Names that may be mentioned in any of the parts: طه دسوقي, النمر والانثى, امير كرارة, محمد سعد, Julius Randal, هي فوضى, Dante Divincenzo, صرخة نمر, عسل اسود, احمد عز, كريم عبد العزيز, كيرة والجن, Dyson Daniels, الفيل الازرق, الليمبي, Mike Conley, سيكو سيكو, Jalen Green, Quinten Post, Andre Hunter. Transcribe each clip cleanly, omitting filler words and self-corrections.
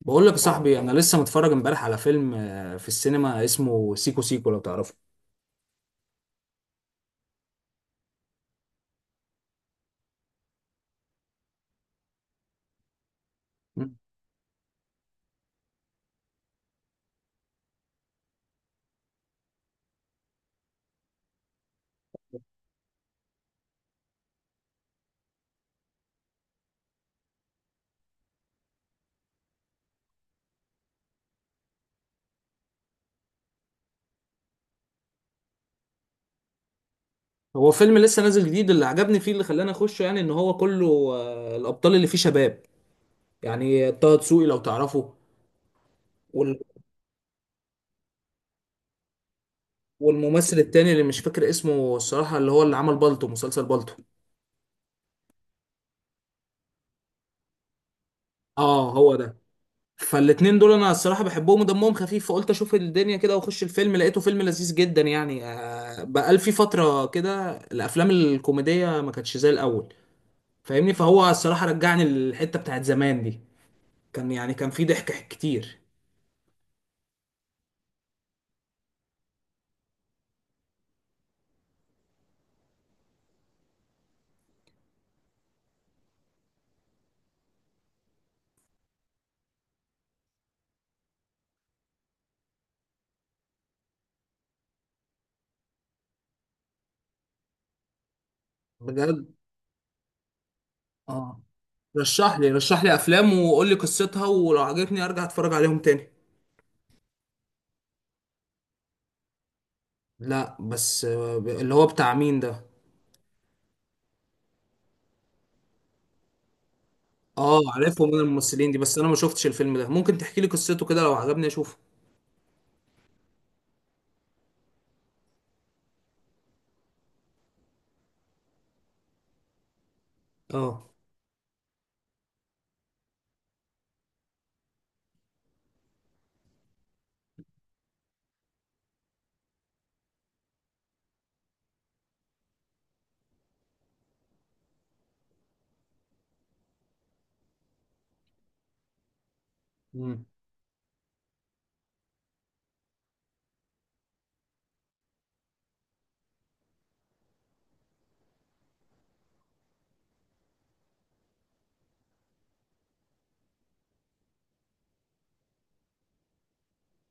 بقول لك يا صاحبي، انا لسه متفرج امبارح على فيلم في السينما اسمه سيكو سيكو، لو تعرفه؟ مم. هو فيلم لسه نازل جديد. اللي عجبني فيه اللي خلاني اخشه، يعني ان هو كله الابطال اللي فيه شباب. يعني طه دسوقي لو تعرفه. وال- والممثل التاني اللي مش فاكر اسمه الصراحة، اللي هو اللي عمل بالطو، مسلسل بالطو. اه، هو ده. فالاتنين دول انا الصراحة بحبهم ودمهم خفيف، فقلت اشوف الدنيا كده واخش الفيلم. لقيته فيلم لذيذ جدا يعني. بقال في فترة كده الافلام الكوميدية ما كانتش زي الاول. فاهمني؟ فهو الصراحة رجعني للحتة بتاعت زمان دي. كان في ضحك كتير. بجد. اه، رشح لي افلام وقول لي قصتها، ولو عجبتني ارجع اتفرج عليهم تاني. لا، بس اللي هو بتاع مين ده؟ اه، عارفه من الممثلين دي، بس انا ما شفتش الفيلم ده. ممكن تحكي لي قصته كده؟ لو عجبني اشوفه. اه. مم.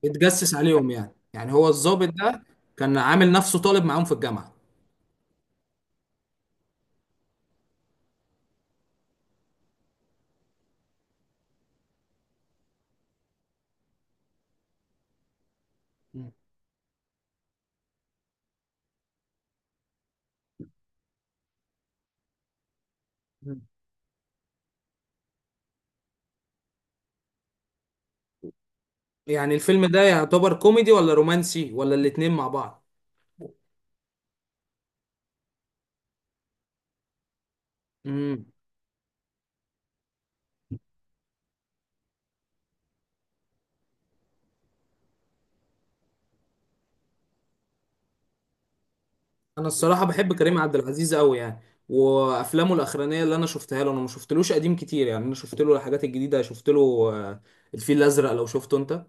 اتجسس عليهم يعني هو الضابط ده؟ كان عامل نفسه طالب معاهم في الجامعة. مم. يعني الفيلم ده يعتبر كوميدي ولا رومانسي ولا الاتنين مع بعض؟ مم. انا الصراحه بحب كريم عبد العزيز قوي يعني. وافلامه الاخرانيه اللي انا شفتها له، انا ما شفتلوش قديم كتير يعني، انا شفت له الحاجات الجديده. شفت له آه، الفيل الازرق، لو شفته انت؟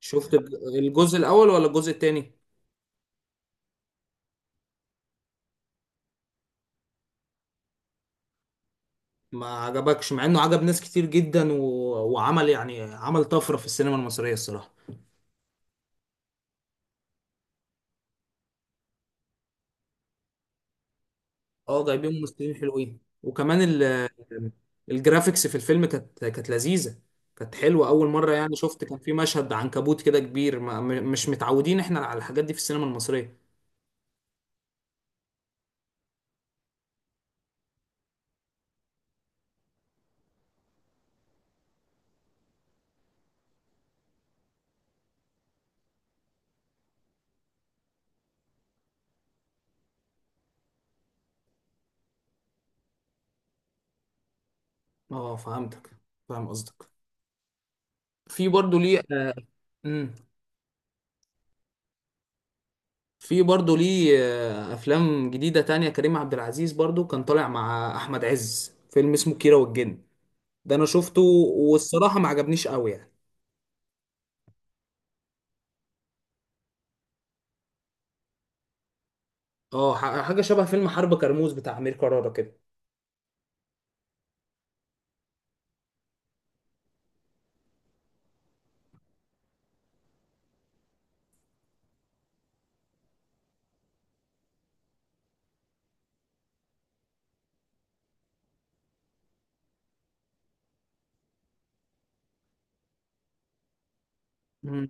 شفت الج- الجزء الاول ولا الجزء التاني؟ ما عجبكش، مع انه عجب ناس كتير جدا و... وعمل يعني عمل طفره في السينما المصريه الصراحه. اه، جايبين ممثلين حلوين، وكمان الجرافيكس في الفيلم كانت لذيذه. كانت حلوه، اول مره يعني شفت. كان في مشهد عنكبوت كده كبير، ما... م- مش متعودين احنا على الحاجات دي في السينما المصريه. اه، فهمتك. فاهم قصدك. في برضه ليه. مم. في برضه ليه افلام جديده تانية. كريم عبد العزيز برضه كان طالع مع احمد عز فيلم اسمه كيرة والجن. ده انا شفته. والصراحه ما عجبنيش قوي يعني. اه، حاجه شبه فيلم حرب كرموز بتاع امير كرارة كده. مم.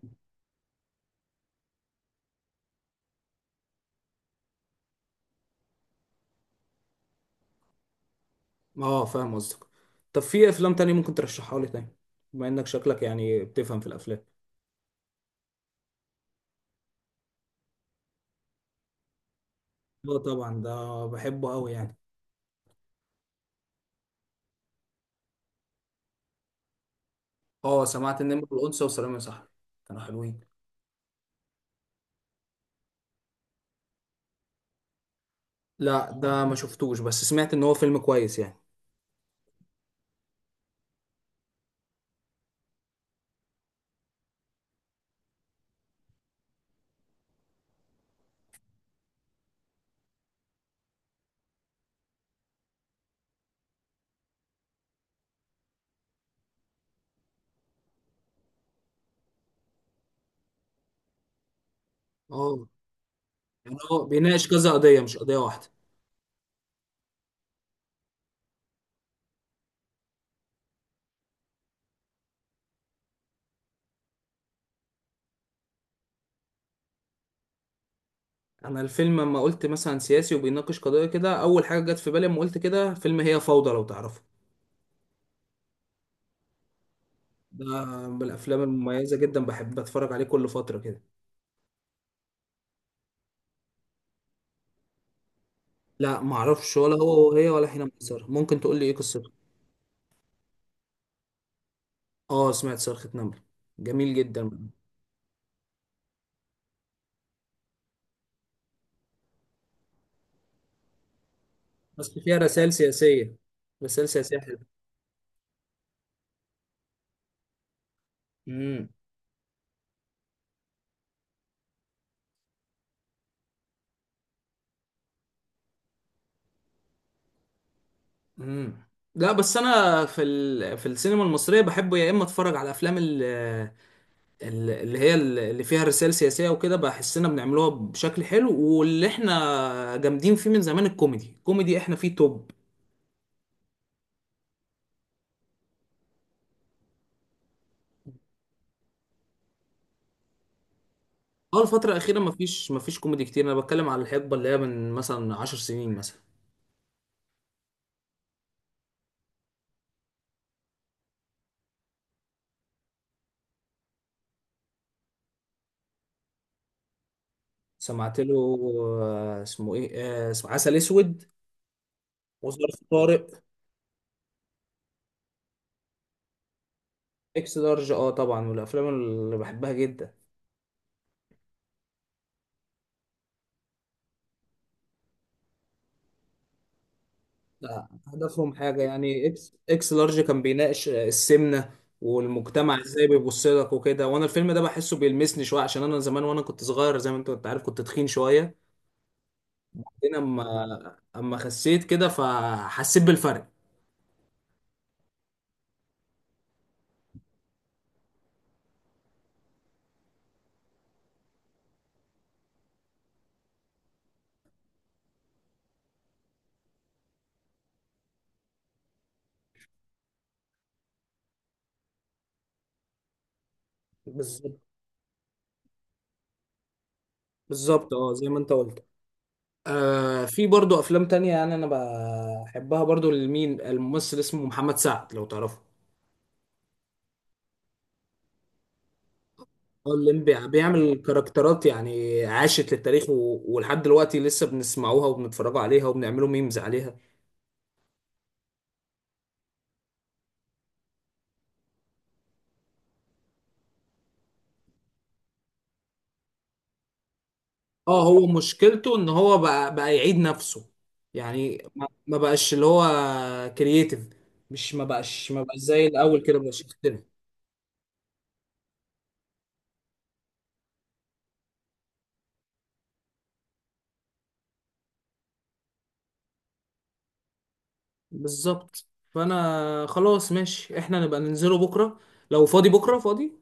اه، فاهم قصدك. طب، في افلام تانية ممكن ترشحها لي تاني؟ بما انك شكلك يعني بتفهم في الافلام. اه، طبعا ده بحبه قوي يعني. اه، سمعت النمر والانثى وسلام يا صاحبي. كانوا حلوين. لا، ده ما شفتوش، بس سمعت ان هو فيلم كويس يعني. اه. يعني هو بيناقش كذا قضية، مش قضية واحدة؟ انا الفيلم، لما قلت مثلا سياسي وبيناقش قضية كده، اول حاجة جت في بالي لما قلت كده فيلم هي فوضى، لو تعرفه. ده من الافلام المميزة جدا، بحب اتفرج عليه كل فترة كده. لا، ما اعرفش ولا هو وهي ولا حين ميسرة. ممكن تقول لي ايه قصته؟ اه، سمعت صرخة نمر. جميل جدا. بس فيها رسائل سياسية. رسائل سياسية حلوة. امم مم. لا، بس انا في السينما المصريه بحب يا اما اتفرج على افلام اللي فيها رسائل سياسيه وكده، بحسنا بنعملوها بشكل حلو. واللي احنا جامدين فيه من زمان الكوميدي. الكوميدي احنا فيه توب. اه، الفتره الاخيره مفيش كوميدي كتير. انا بتكلم على الحقبه اللي هي من مثلا 10 سنين مثلا. سمعت له. اسمه ايه؟ اسمه عسل اسود وظرف طارق. اكس لارج. اه، طبعا، والافلام اللي بحبها جدا. لا، هدفهم حاجة. يعني اكس لارج كان بيناقش السمنة والمجتمع ازاي بيبص لك وكده. وانا الفيلم ده بحسه بيلمسني شوية، عشان انا زمان وانا كنت صغير، زي ما انت كنت عارف كنت تخين شوية. هنا اما خسيت كده، فحسيت بالفرق. بالظبط. بالظبط، اه، زي ما انت قلت. في برضو افلام تانية يعني، انا بحبها برضو. لمين الممثل اسمه محمد سعد، لو تعرفه؟ اه، الليمبي بيعمل كاركترات يعني عاشت للتاريخ و... ولحد دلوقتي لسه بنسمعوها وبنتفرجوا عليها وبنعملوا ميمز عليها. اه، هو مشكلته ان هو بقى يعيد نفسه. يعني ما بقاش اللي هو كرييتيف. مش ما بقاش زي الاول كده، مبقاش يختلف. بالظبط. فانا خلاص ماشي، احنا نبقى ننزله بكره. لو فاضي بكره فاضي.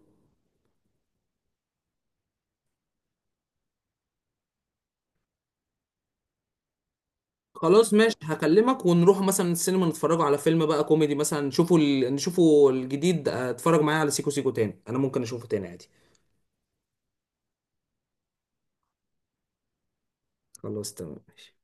خلاص، ماشي، هكلمك ونروح مثلا السينما، نتفرج على فيلم بقى كوميدي مثلا، نشوفه الجديد. اتفرج معايا على سيكو سيكو تاني، انا ممكن اشوفه تاني عادي. خلاص، تمام، ماشي.